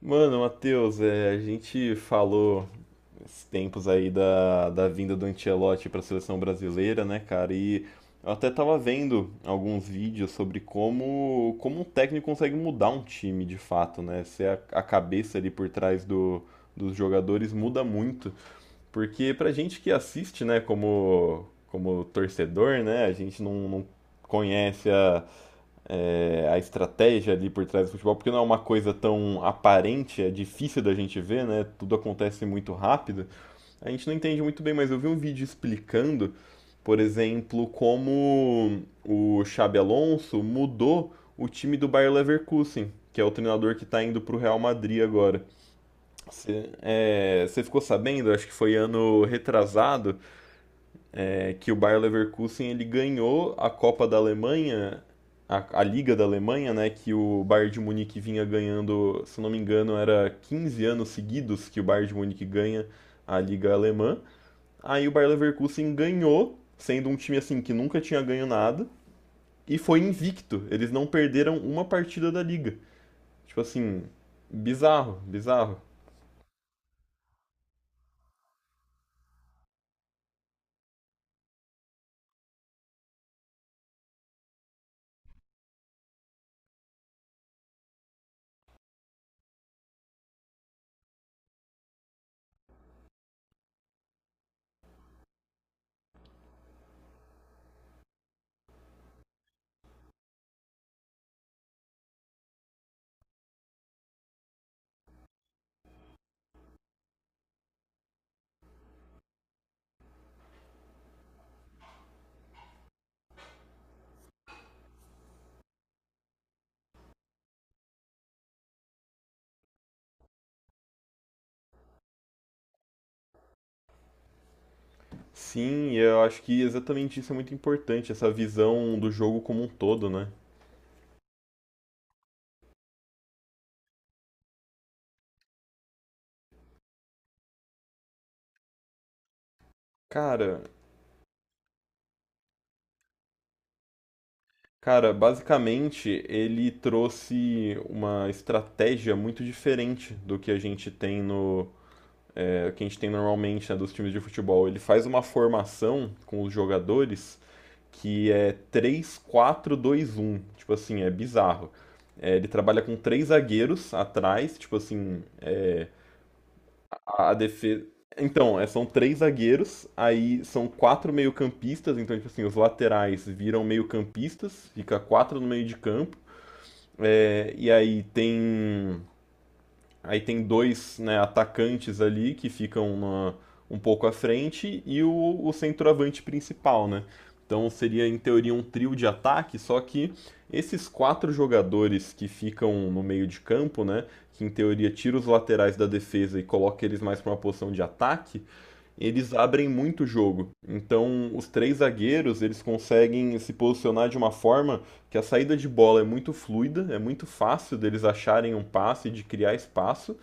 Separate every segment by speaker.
Speaker 1: Mano, Matheus, a gente falou esses tempos aí da vinda do Ancelotti para a seleção brasileira, né, cara? E eu até tava vendo alguns vídeos sobre como um técnico consegue mudar um time de fato, né? Se a cabeça ali por trás dos jogadores muda muito. Porque pra gente que assiste, né, como torcedor, né, a gente não conhece a estratégia ali por trás do futebol, porque não é uma coisa tão aparente, é difícil da gente ver, né? Tudo acontece muito rápido. A gente não entende muito bem, mas eu vi um vídeo explicando, por exemplo, como o Xabi Alonso mudou o time do Bayer Leverkusen, que é o treinador que está indo para o Real Madrid agora. Você ficou sabendo? Acho que foi ano retrasado é que o Bayer Leverkusen ele ganhou a Copa da Alemanha, a Liga da Alemanha, né, que o Bayern de Munique vinha ganhando, se não me engano, era 15 anos seguidos que o Bayern de Munique ganha a Liga Alemã. Aí o Bayer Leverkusen ganhou, sendo um time assim que nunca tinha ganho nada e foi invicto. Eles não perderam uma partida da liga. Tipo assim, bizarro, bizarro. Sim, eu acho que exatamente isso é muito importante, essa visão do jogo como um todo, né? Cara, Cara, basicamente ele trouxe uma estratégia muito diferente do que a gente tem no, que a gente tem normalmente, né, dos times de futebol. Ele faz uma formação com os jogadores que é 3-4-2-1. Tipo assim, é bizarro. É, ele trabalha com três zagueiros atrás, tipo assim, a defesa. Então, são três zagueiros, aí são quatro meio-campistas, então, tipo assim, os laterais viram meio-campistas, fica quatro no meio de campo. É, e aí tem dois, né, atacantes ali que ficam um pouco à frente e o centroavante principal, né? Então seria em teoria um trio de ataque, só que esses quatro jogadores que ficam no meio de campo, né, que em teoria tira os laterais da defesa e coloca eles mais para uma posição de ataque, eles abrem muito o jogo. Então, os três zagueiros, eles conseguem se posicionar de uma forma que a saída de bola é muito fluida, é muito fácil deles acharem um passe, de criar espaço,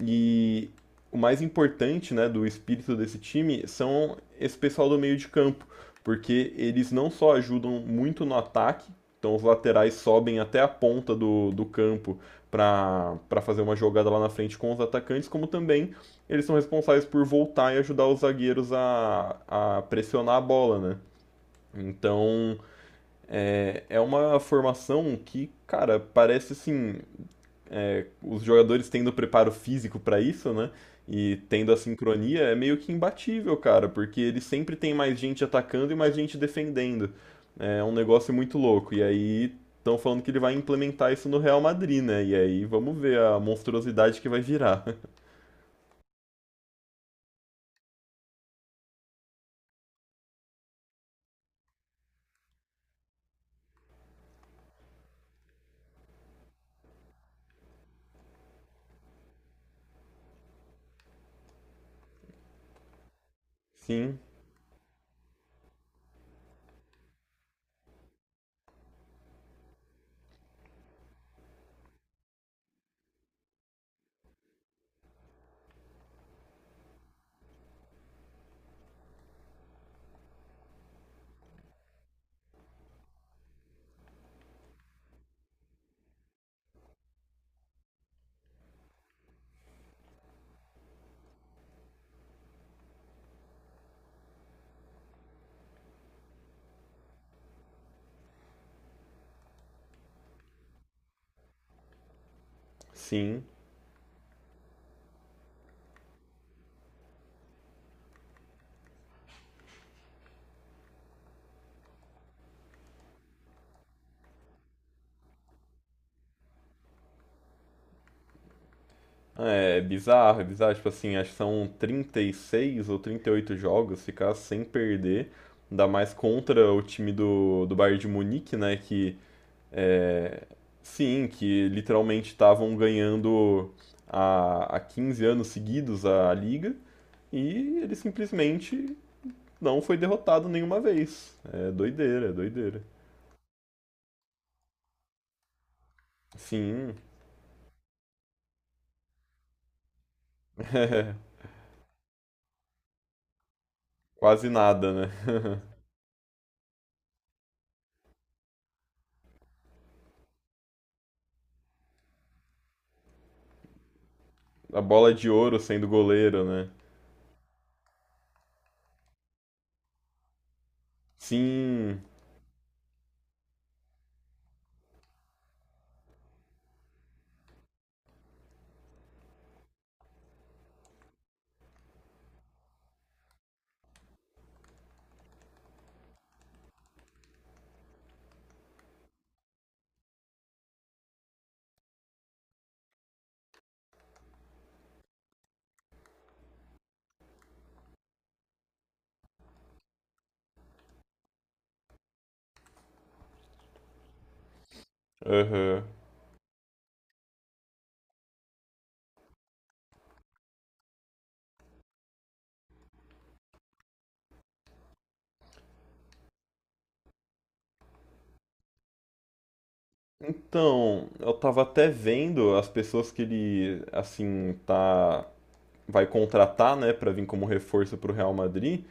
Speaker 1: e o mais importante, né, do espírito desse time são esse pessoal do meio de campo, porque eles não só ajudam muito no ataque, então os laterais sobem até a ponta do campo para fazer uma jogada lá na frente com os atacantes, como também eles são responsáveis por voltar e ajudar os zagueiros a pressionar a bola, né? Então é uma formação que, cara, parece assim os jogadores tendo preparo físico pra isso, né? E tendo a sincronia, é meio que imbatível, cara, porque ele sempre tem mais gente atacando e mais gente defendendo. É um negócio muito louco. E aí estão falando que ele vai implementar isso no Real Madrid, né? E aí vamos ver a monstruosidade que vai virar. Sim, sim. É bizarro, é bizarro. Tipo assim, acho que são 36 ou 38 jogos, ficar sem perder. Ainda mais contra o time do Bayern de Munique, né? Que sim, que literalmente estavam ganhando há 15 anos seguidos a liga e ele simplesmente não foi derrotado nenhuma vez. É doideira, é doideira. Sim, é, quase nada, né? A bola de ouro sendo goleiro, né? Sim, aham. Então, eu tava até vendo as pessoas que ele, assim, tá, vai contratar, né, pra vir como reforço pro Real Madrid.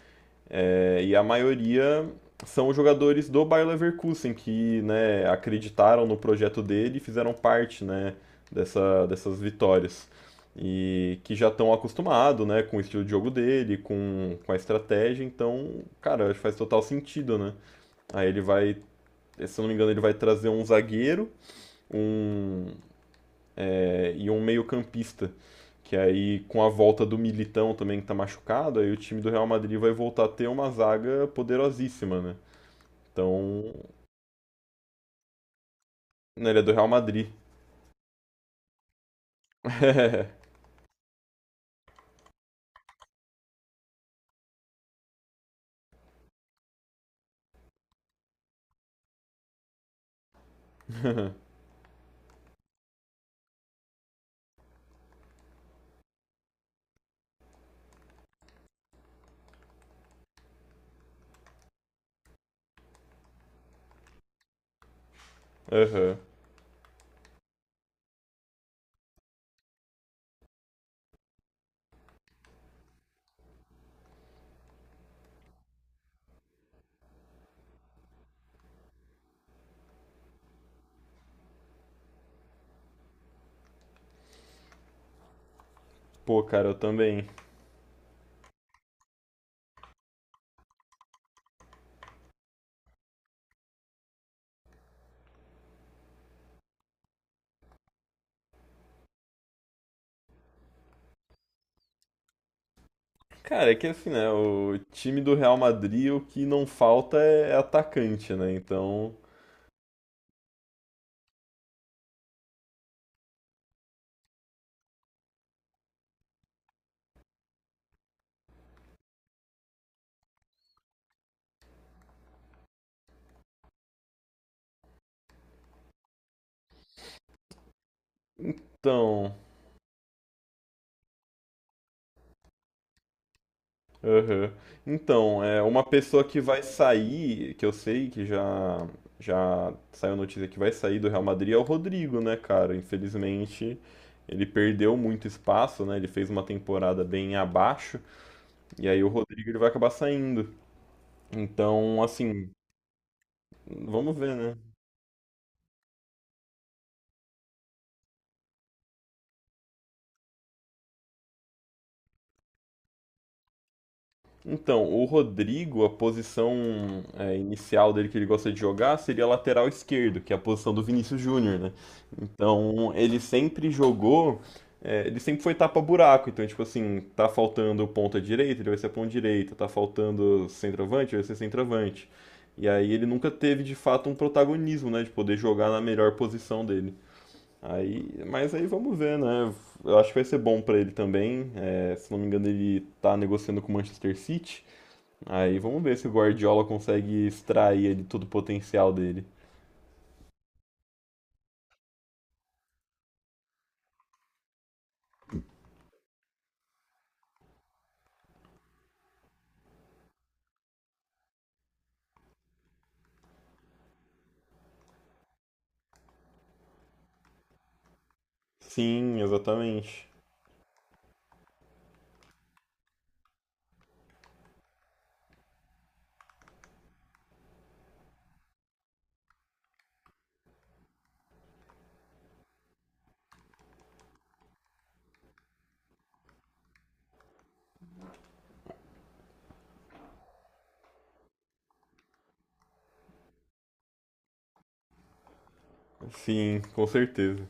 Speaker 1: É, e a maioria são os jogadores do Bayer Leverkusen que, né, acreditaram no projeto dele e fizeram parte, né, dessas vitórias. E que já estão acostumados, né, com o estilo de jogo dele, com a estratégia, então, cara, acho que faz total sentido, né? Aí ele vai, se eu não me engano, ele vai trazer um zagueiro, um, e um meio-campista. Que aí, com a volta do Militão também, que tá machucado, aí o time do Real Madrid vai voltar a ter uma zaga poderosíssima, né? Então. Não, ele é do Real Madrid. Aham. Pô, cara, eu também. Cara, é que assim, né? O time do Real Madrid, o que não falta é atacante, né? Então. Então. Aham. Então, é uma pessoa que vai sair, que eu sei que já saiu notícia que vai sair do Real Madrid é o Rodrigo, né, cara? Infelizmente, ele perdeu muito espaço, né? Ele fez uma temporada bem abaixo e aí o Rodrigo ele vai acabar saindo. Então, assim, vamos ver, né? Então, o Rodrigo, a posição inicial dele que ele gosta de jogar seria lateral esquerdo, que é a posição do Vinícius Júnior, né? Então, ele sempre jogou, ele sempre foi tapa-buraco. Então, tipo assim, tá faltando ponta direita, ele vai ser ponta direita, tá faltando centroavante, ele vai ser centroavante. E aí ele nunca teve de fato um protagonismo, né, de poder jogar na melhor posição dele. Aí, mas aí vamos ver, né? Eu acho que vai ser bom pra ele também. É, se não me engano, ele tá negociando com o Manchester City. Aí vamos ver se o Guardiola consegue extrair ali todo o potencial dele. Sim, exatamente. Sim, com certeza.